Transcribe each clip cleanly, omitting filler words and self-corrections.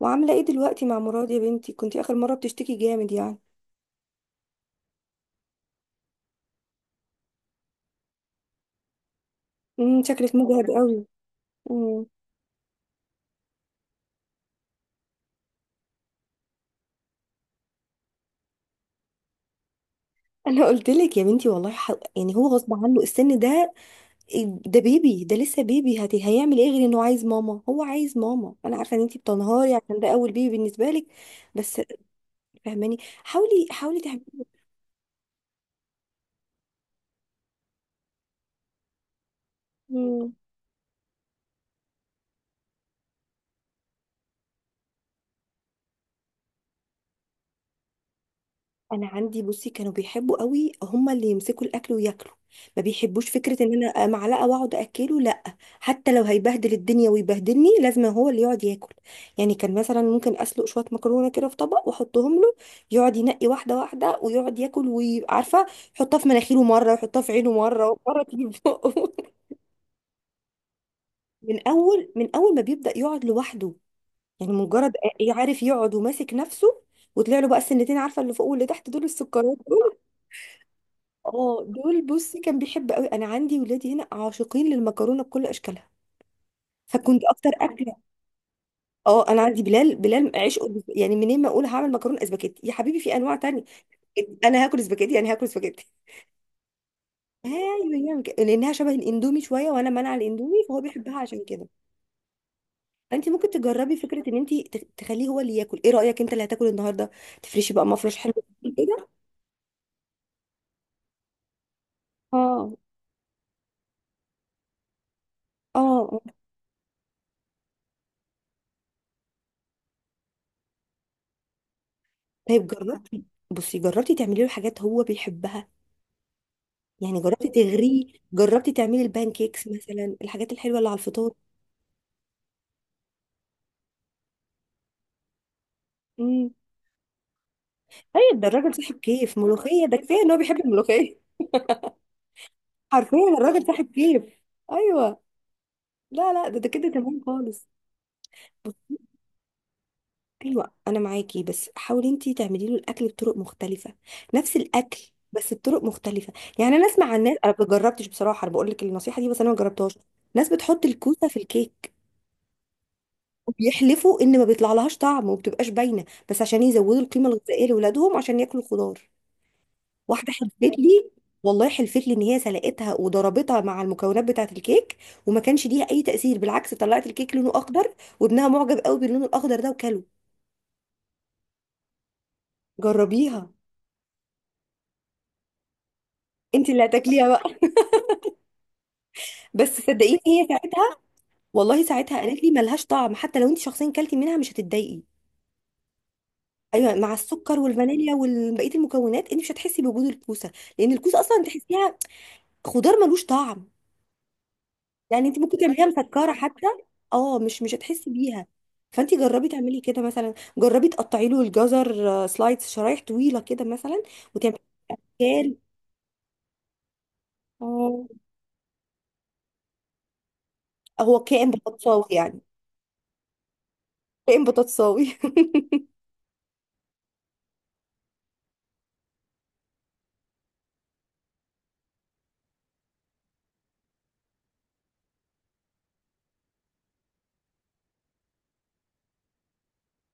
وعاملة ايه دلوقتي مع مراد يا بنتي؟ كنتي اخر مرة بتشتكي جامد يعني. شكلك مجهد قوي. امم انا قلت لك يا بنتي والله يعني هو غصب عنه السن ده. ده بيبي، ده لسه بيبي، هيعمل ايه غير انه عايز ماما؟ هو عايز ماما. انا عارفة ان انتي بتنهاري عشان ده اول بيبي بالنسبة لك. بس فهماني. حاولي حاولي تعملي. انا عندي بصي كانوا بيحبوا قوي هما اللي يمسكوا الاكل وياكلوا. ما بيحبوش فكره ان انا معلقه واقعد اكله، لا. حتى لو هيبهدل الدنيا ويبهدلني لازم هو اللي يقعد ياكل. يعني كان مثلا ممكن اسلق شويه مكرونه كده في طبق واحطهم له. يقعد ينقي واحده واحده ويقعد ياكل وعارفه. يحطها في مناخيره مره، يحطها في عينه مره، مره تيجي في بقه. من اول، من اول ما بيبدا يقعد لوحده. يعني مجرد عارف يقعد وماسك نفسه. وطلع له بقى السنتين، عارفه اللي فوق واللي تحت؟ دول السكرات دول. اه دول، بصي كان بيحب قوي. انا عندي ولادي هنا عاشقين للمكرونه بكل اشكالها. فكنت اكتر اكله. اه انا عندي بلال، بلال عشقه يعني منين ما اقول هعمل مكرونه اسباجيتي يا حبيبي في انواع تانية. انا هاكل اسباجيتي، انا هاكل اسباجيتي. ايوه يعمل كده لانها شبه الاندومي شويه وانا مانعه الاندومي فهو بيحبها عشان كده. انت ممكن تجربي فكره ان انت تخليه هو اللي ياكل. ايه رايك؟ انت اللي هتاكل النهارده. تفرشي بقى مفرش حلو كده. اه اه. آه. طيب جربتي؟ بصي جربتي تعملي له حاجات هو بيحبها؟ يعني جربتي تغريه؟ جربتي تعملي البان كيكس مثلا، الحاجات الحلوه اللي على الفطار؟ امم طيب ده الراجل صاحب كيف ملوخيه، ده كفايه ان هو بيحب الملوخيه. حرفيا الراجل صاحب كيف. ايوه. لا لا، ده ده كده تمام خالص. بص- ايوه انا معاكي، بس حاولي انتي تعملي له الاكل بطرق مختلفه. نفس الاكل بس بطرق مختلفه. يعني انا اسمع عن ناس، انا ما جربتش بصراحه، انا بقول لك النصيحه دي بس انا ما جربتهاش. ناس بتحط الكوسه في الكيك، وبيحلفوا ان ما بيطلع لهاش طعم وما بتبقاش باينه، بس عشان يزودوا القيمه الغذائيه لاولادهم عشان ياكلوا خضار. واحده حلفت لي، والله حلفت لي ان هي سلقتها وضربتها مع المكونات بتاعه الكيك، وما كانش ليها اي تاثير. بالعكس طلعت الكيك لونه اخضر، وابنها معجب قوي باللون الاخضر ده وكله. جربيها. انت اللي هتاكليها بقى. بس صدقيني هي ساعتها، والله ساعتها قالت لي ملهاش طعم. حتى لو انت شخصيا كلتي منها مش هتتضايقي. ايوه مع السكر والفانيليا وبقيه المكونات انت مش هتحسي بوجود الكوسه. لان الكوسه اصلا تحسيها خضار ملوش طعم. يعني انت ممكن تعمليها مسكره حتى. اه، مش هتحسي بيها. فانت جربي تعملي كده. مثلا جربي تقطعي له الجزر سلايس، شرايح طويله كده مثلا. وتعملي. كان اه. هو كائن بطاطساوي يعني. كائن بطاطساوي.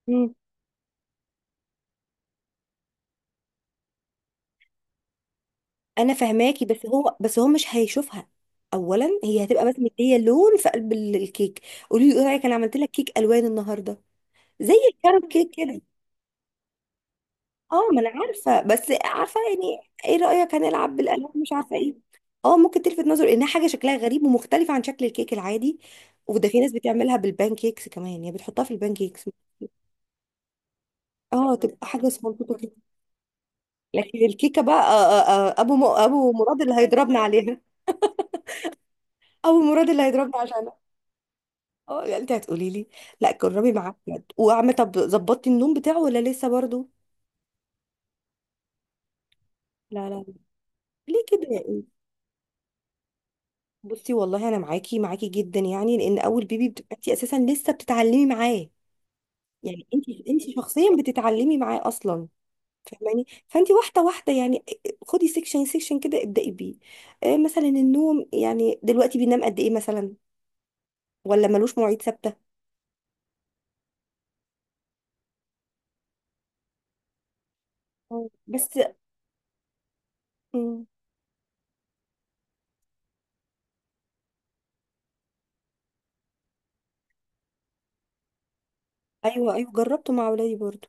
مم. انا فهماكي بس هو مش هيشوفها. اولا هي هتبقى بس مديه لون في قلب الكيك. قولي له ايه رايك؟ انا عملت لك كيك الوان النهارده، زي الكارب كيك كده. اه، ما انا عارفه بس عارفه يعني. ايه رايك هنلعب بالالعاب مش عارفه ايه. اه ممكن تلفت نظر انها حاجه شكلها غريب ومختلفه عن شكل الكيك العادي. وده في ناس بتعملها بالبان كيكس كمان، يعني بتحطها في البان كيكس. اه تبقى حاجه سبونتوطه كده. لكن الكيكه بقى آه آه آه، ابو مراد اللي هيضربنا عليها. ابو مراد اللي هيضربنا عشانها. اه يعني انت هتقولي لي لا. جربي معاه بجد. وعم طب، ظبطتي النوم بتاعه ولا لسه برضه؟ لا لا. ليه كده يعني؟ بصي والله انا معاكي، معاكي جدا. يعني لان اول بيبي بتبقى انت اساسا لسه بتتعلمي معاه. يعني انت، انت شخصيا بتتعلمي معاه اصلا. فاهماني؟ فانت واحده واحده يعني. خدي سيكشن سيكشن كده ابدأي بيه. آه مثلا النوم، يعني دلوقتي بينام قد ايه مثلا؟ ولا ملوش مواعيد ثابته؟ مم. بس. مم. ايوه ايوه، جربته مع ولادي برضو.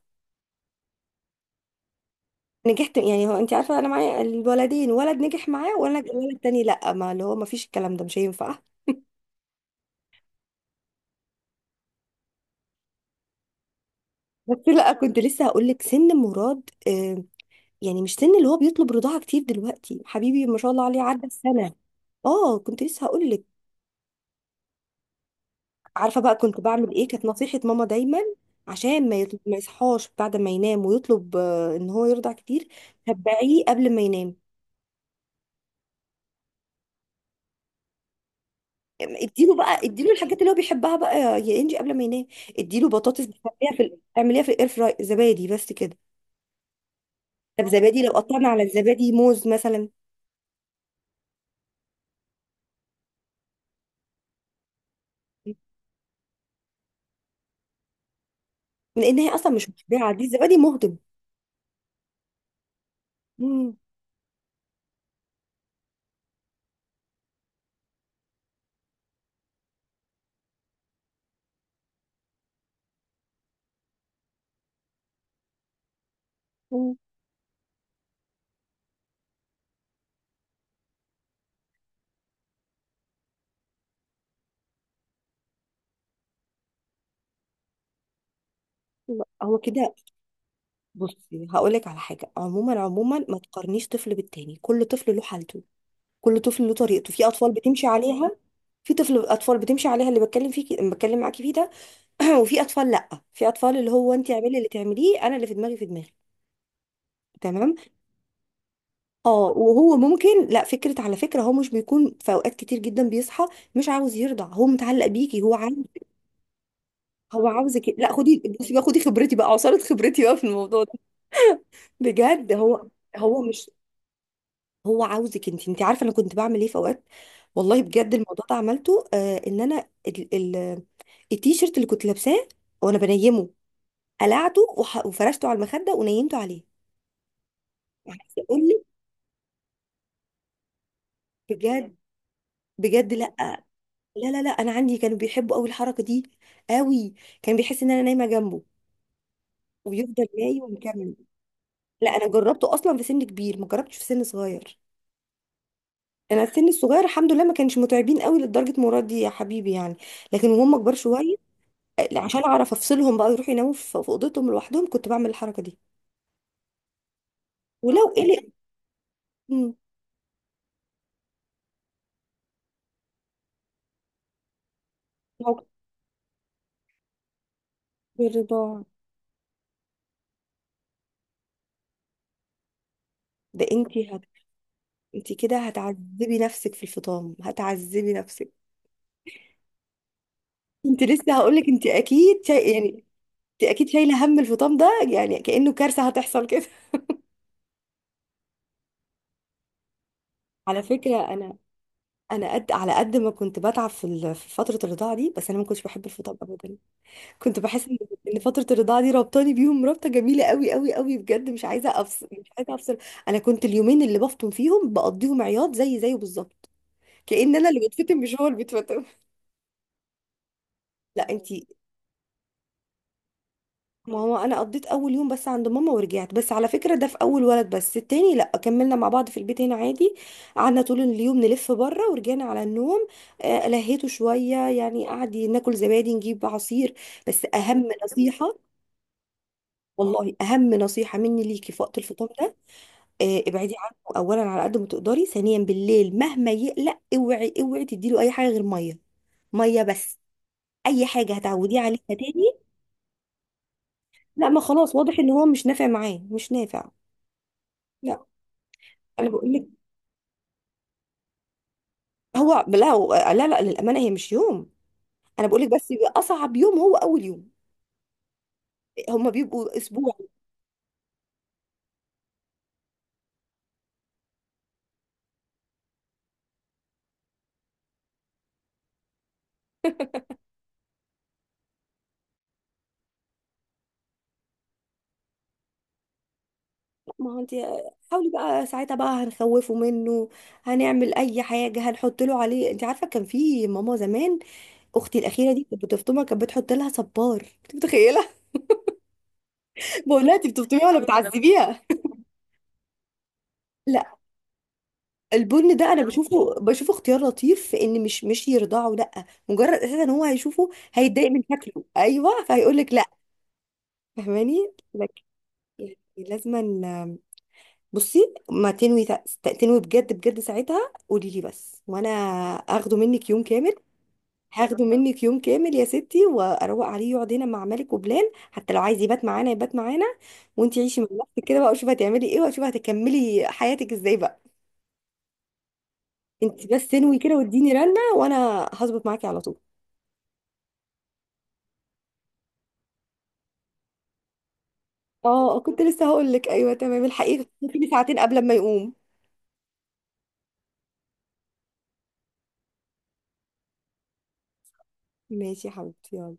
نجحت يعني. هو انت عارفه انا معايا الولدين، ولد نجح معاه، ولد، الولد التاني لا، ما اللي هو ما فيش، الكلام ده مش هينفع. بس لا، كنت لسه هقول لك سن مراد يعني مش سن اللي هو بيطلب رضاعة كتير دلوقتي. حبيبي ما شاء الله عليه عدى السنة. اه كنت لسه هقول لك. عارفة بقى كنت بعمل ايه؟ كانت نصيحة ماما دايما، عشان ما يطلب، ما يصحاش بعد ما ينام ويطلب ان هو يرضع كتير. تبعيه قبل ما ينام. اديله بقى، اديله الحاجات اللي هو بيحبها بقى يا، يا انجي قبل ما ينام. اديله بطاطس بتعمليها في اعمليها في الاير فراي. زبادي بس كده. طب زبادي لو قطعنا على الزبادي، موز مثلا. لان هي اصلا مش مشبعه، دي الزبادي مهضم. مم. مم. لا، هو كده. بصي هقولك على حاجة عموما، عموما ما تقارنيش طفل بالتاني، كل طفل له حالته. كل طفل له طريقته. في أطفال بتمشي عليها. في طفل، أطفال بتمشي عليها اللي بتكلم فيك، بتكلم معاكي فيه ده. وفي أطفال لأ. في أطفال اللي هو أنت اعملي اللي تعمليه، أنا اللي في دماغي في دماغي. تمام. اه. وهو ممكن لا، فكرة على فكرة هو مش بيكون في أوقات كتير جدا بيصحى مش عاوز يرضع. هو متعلق بيكي، هو عايز، هو عاوزك. لا خدي بصي بقى، خدي خبرتي بقى، عصارة خبرتي بقى في الموضوع ده. بجد. هو هو مش هو عاوزك انت. انت عارفه انا كنت بعمل ايه في اوقات؟ والله بجد الموضوع ده عملته آه. ان انا ال التيشيرت اللي كنت لابساه وانا بنيمه قلعته وفرشته على المخده ونيمته عليه. عايزه اقول لك بجد، بجد لا. لا. انا عندي كانوا بيحبوا قوي الحركه دي، قوي. كان بيحس ان انا نايمه جنبه، ويفضل نايم ومكمل. لا انا جربته اصلا في سن كبير، ما جربتش في سن صغير. انا السن الصغير الحمد لله ما كانش متعبين قوي لدرجه مراد يا حبيبي يعني. لكن وهم كبار شويه، عشان اعرف افصلهم بقى يروحوا يناموا في في اوضتهم لوحدهم، كنت بعمل الحركه دي. ولو قلق، مم، موقف الرضاعه. ده انت انت كده هتعذبي نفسك في الفطام، هتعذبي نفسك. انت لسه هقول لك انت اكيد يعني انت اكيد شايله هم الفطام ده يعني كانه كارثه هتحصل كده. على فكره انا، انا قد، على قد ما كنت بتعب في في فتره الرضاعه دي، بس انا ما كنتش بحب الفطام ابدا. كنت بحس ان، إن فتره الرضاعه دي ربطاني بيهم رابطه جميله قوي قوي قوي بجد. مش عايزه افصل، مش عايزه افصل. انا كنت اليومين اللي بفطم فيهم بقضيهم عياط زي زيه بالظبط. كأن انا اللي بتفتن مش هو اللي بيتفتن. لا انتي. ما هو انا قضيت اول يوم بس عند ماما ورجعت، بس على فكره ده في اول ولد، بس التاني لا كملنا مع بعض في البيت هنا عادي. قعدنا طول اليوم لف بره ورجعنا على النوم. آه لهيته شويه يعني، قعد ناكل زبادي نجيب عصير. بس اهم نصيحه، والله اهم نصيحه مني ليكي في وقت الفطام، ابعدي عنه اولا على قد ما تقدري. ثانيا بالليل مهما يقلق اوعي اوعي تديله اي حاجه غير ميه. ميه بس. اي حاجه هتعوديه عليها تاني. لا ما خلاص واضح ان هو مش نافع معاه، مش نافع. لا انا بقول لك. هو لا لا للامانه هي مش يوم. انا بقول لك بس بيبقى اصعب يوم هو اول يوم. هما بيبقوا اسبوع. ما هو انت حاولي بقى، ساعتها بقى هنخوفه منه. هنعمل اي حاجه، هنحط له عليه. انت عارفه كان في ماما زمان، اختي الاخيره دي كانت بتفطمها، كانت بتحط لها صبار، انت متخيله؟ بقولها انت بتبطميها ولا بتعذبيها؟ لا البن ده انا بشوفه، بشوفه اختيار لطيف في ان مش يرضعه. لا مجرد اساسا ان هو هيشوفه هيتضايق من شكله. ايوه فهيقول لك لا. فاهماني لك؟ يعني لازما. بصي ما تنوي تنوي بجد بجد ساعتها، قولي لي بس وانا اخده منك يوم كامل. هاخده منك يوم كامل يا ستي واروق عليه، يقعد هنا مع مالك وبلال، حتى لو عايز يبات معانا يبات معانا. وانتي عيشي من نفسك كده بقى، وشوفي هتعملي ايه، وشوفي هتكملي حياتك ازاي بقى. انت بس انوي كده واديني رنه وانا هظبط معاكي على طول. اه كنت لسه هقول لك، ايوه تمام الحقيقه ممكن ساعتين قبل ما يقوم. ماشي يا حبيبتي، يلا.